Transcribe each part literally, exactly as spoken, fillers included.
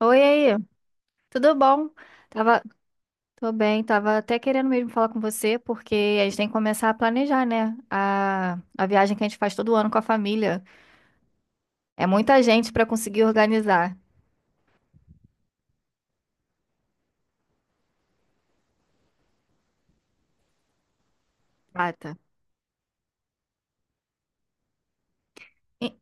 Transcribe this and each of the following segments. Oi aí, tudo bom? Tava, Tô bem, tava até querendo mesmo falar com você, porque a gente tem que começar a planejar, né? A, a viagem que a gente faz todo ano com a família. É muita gente para conseguir organizar. Mata. E-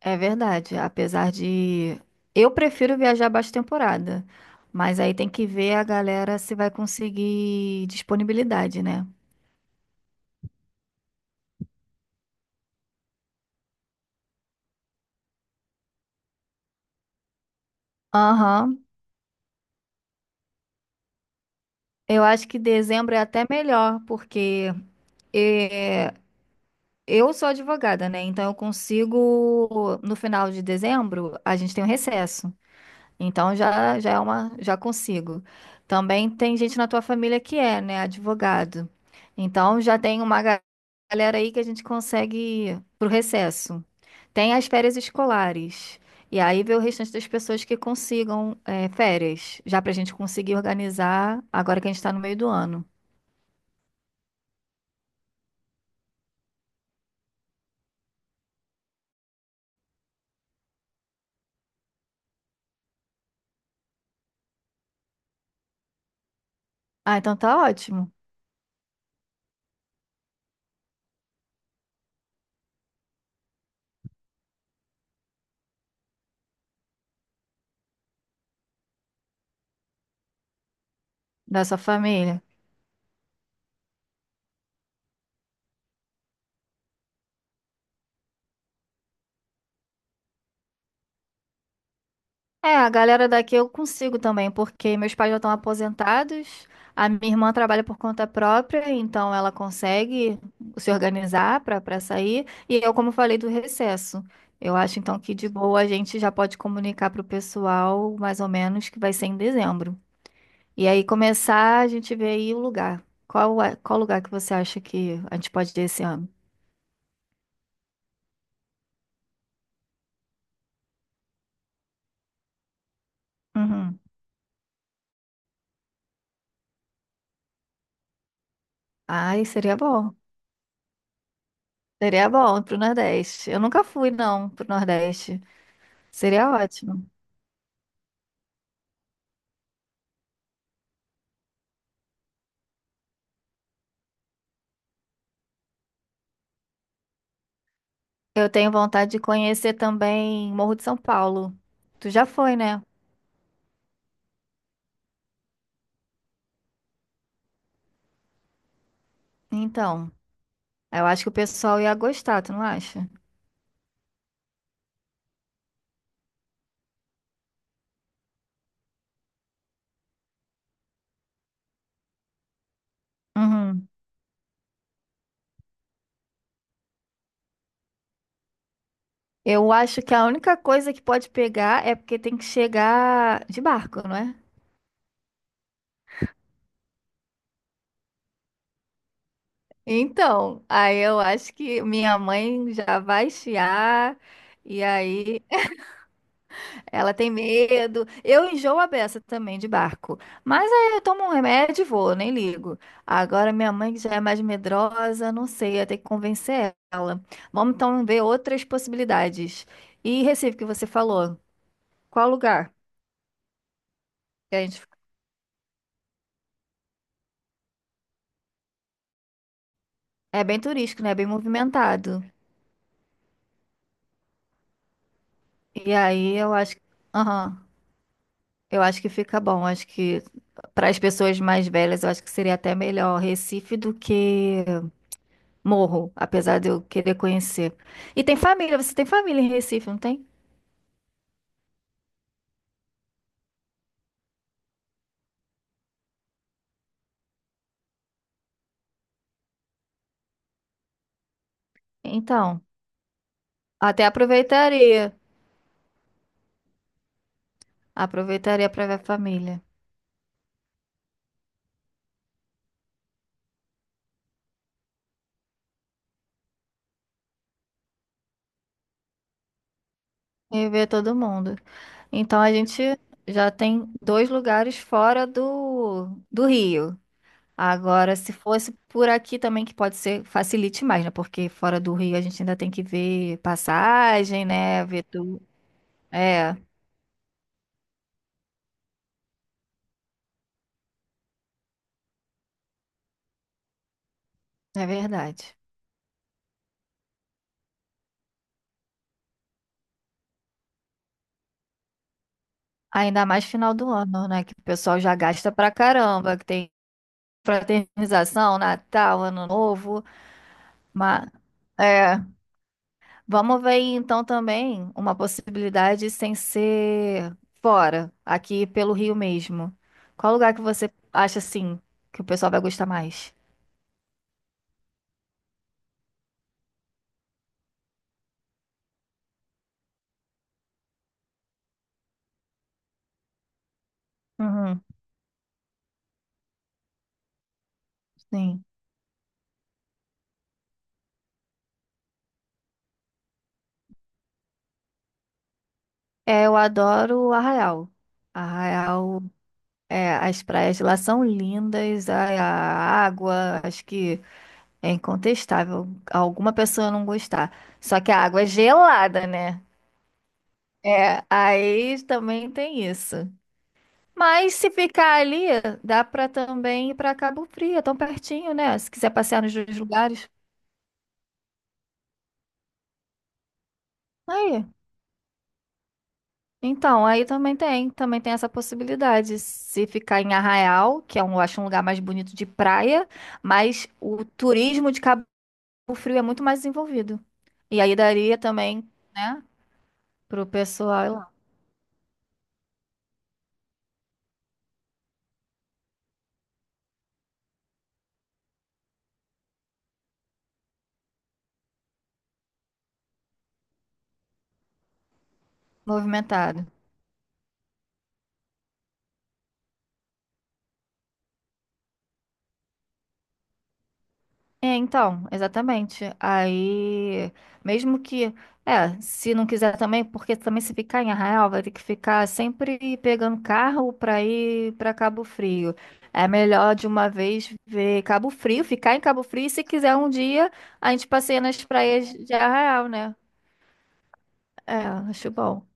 É verdade, apesar de eu prefiro viajar baixa temporada, mas aí tem que ver a galera se vai conseguir disponibilidade, né? Aham, eu acho que dezembro é até melhor, porque eh, eu sou advogada, né? Então eu consigo, no final de dezembro, a gente tem um recesso. Então já, já é uma, já consigo. Também tem gente na tua família que é, né, advogado. Então já tem uma ga- galera aí que a gente consegue ir pro recesso. Tem as férias escolares. E aí vê o restante das pessoas que consigam é, férias, já pra gente conseguir organizar agora que a gente tá no meio do ano. Ah, então tá ótimo, da sua família. É, a galera daqui eu consigo também, porque meus pais já estão aposentados, a minha irmã trabalha por conta própria, então ela consegue se organizar para para sair, e eu, como falei, do recesso. Eu acho então que de boa a gente já pode comunicar para o pessoal, mais ou menos, que vai ser em dezembro. E aí começar a gente ver aí o lugar. Qual, é- qual lugar que você acha que a gente pode ir esse ano? Uhum. Ai, seria bom. Seria bom pro Nordeste. Eu nunca fui, não, pro Nordeste. Seria ótimo. Eu tenho vontade de conhecer também Morro de São Paulo. Tu já foi, né? Então, eu acho que o pessoal ia gostar, tu não acha? Uhum. Eu acho que a única coisa que pode pegar é porque tem que chegar de barco, não é? Então, aí eu acho que minha mãe já vai chiar, e aí ela tem medo. Eu enjoo a beça também de barco. Mas aí eu tomo um remédio e vou, nem ligo. Agora minha mãe, que já é mais medrosa, não sei, ia ter que convencer ela. Vamos então ver outras possibilidades. E Recife, que você falou, qual lugar? que a gente- É bem turístico, né? É bem movimentado. E aí eu acho que. Aham. Eu acho que fica bom. Acho que para as pessoas mais velhas, eu acho que seria até melhor Recife do que Morro, apesar de eu querer conhecer. E tem família, você tem família em Recife, não tem? Então, até aproveitaria. Aproveitaria para ver a família e ver todo mundo. Então a gente já tem dois lugares fora do, do Rio. Agora, se fosse por aqui também, que pode ser, facilite mais, né? Porque fora do Rio a gente ainda tem que ver passagem, né? Ver tudo. É, é verdade. Ainda mais final do ano, né? Que o pessoal já gasta pra caramba, que tem Fraternização, Natal, Ano Novo. ma- é, Vamos ver aí, então também uma possibilidade sem ser fora, aqui pelo Rio mesmo. Qual lugar que você acha assim que o pessoal vai gostar mais? Uhum, sim. É, eu adoro o Arraial. Arraial, é, as praias de lá são lindas, a, a água, acho que é incontestável alguma pessoa não gostar. Só que a água é gelada, né? É, aí também tem isso. Mas se ficar ali, dá pra também ir pra Cabo Frio, é tão pertinho, né? Se quiser passear nos dois lugares. Aí, então, aí também tem, também tem essa possibilidade. Se ficar em Arraial, que é um, eu acho um lugar mais bonito de praia, mas o turismo de Cabo Frio é muito mais desenvolvido. E aí daria também, né, pro pessoal ir lá, movimentado. É, então, exatamente. Aí, mesmo que, é, se não quiser também, porque também se ficar em Arraial, vai ter que ficar sempre pegando carro para ir para Cabo Frio. É melhor de uma vez ver Cabo Frio, ficar em Cabo Frio, e se quiser um dia, a gente passeia nas praias de Arraial, né? É, acho bom.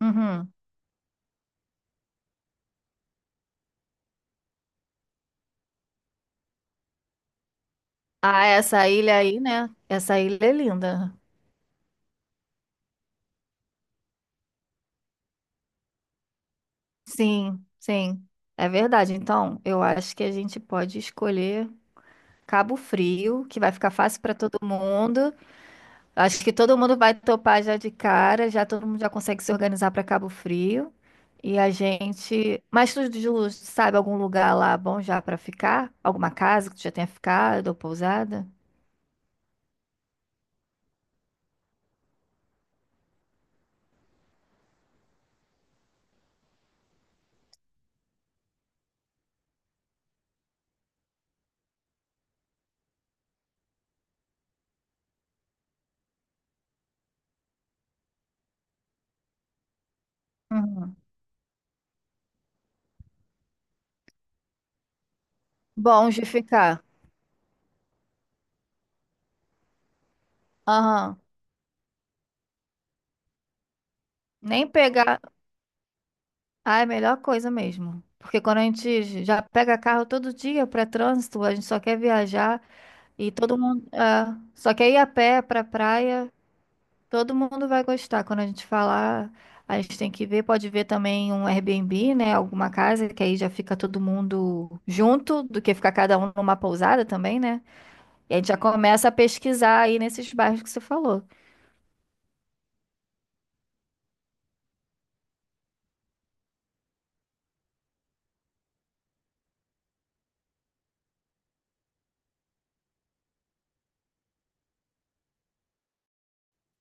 Uhum. Ah, essa ilha aí, né? Essa ilha é linda. Sim, sim. É verdade. Então, eu acho que a gente pode escolher. Cabo Frio, que vai ficar fácil para todo mundo. Acho que todo mundo vai topar já de cara, já todo mundo já consegue se organizar para Cabo Frio. E a gente. Mas tu, Ju, sabe algum lugar lá bom já para ficar? Alguma casa que tu já tenha ficado ou pousada? Uhum. Bom de ficar. Aham. Nem pegar. Ah, é a melhor coisa mesmo. Porque quando a gente já pega carro todo dia para trânsito, a gente só quer viajar e todo mundo. É, só quer ir a pé para praia. Todo mundo vai gostar. Quando a gente falar, a gente tem que ver. Pode ver também um Airbnb, né? Alguma casa, que aí já fica todo mundo junto, do que ficar cada um numa pousada também, né? E a gente já começa a pesquisar aí nesses bairros que você falou.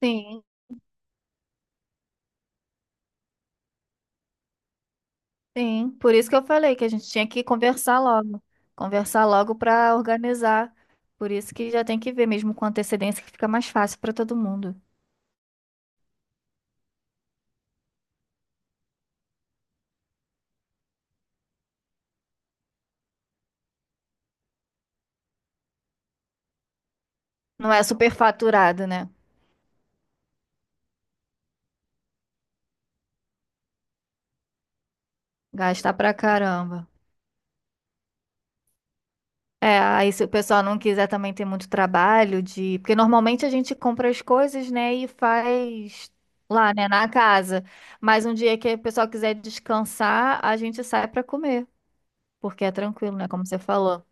Sim, sim. Por isso que eu falei que a gente tinha que conversar logo. Conversar logo para organizar. Por isso que já tem que ver mesmo com antecedência, que fica mais fácil para todo mundo. Não é superfaturado, né? Gastar pra caramba. É, aí se o pessoal não quiser também ter muito trabalho de, porque normalmente a gente compra as coisas, né, e faz lá, né, na casa. Mas um dia que o pessoal quiser descansar, a gente sai pra comer, porque é tranquilo, né, como você falou.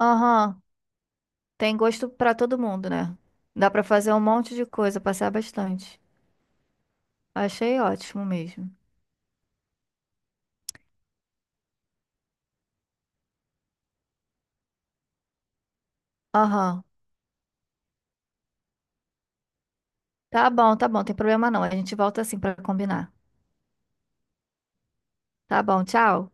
Aham, tem gosto pra todo mundo, né? Dá pra fazer um monte de coisa, passar bastante. Achei ótimo mesmo. Aham. Tá bom, tá bom, tem problema não. A gente volta assim pra combinar. Tá bom, tchau.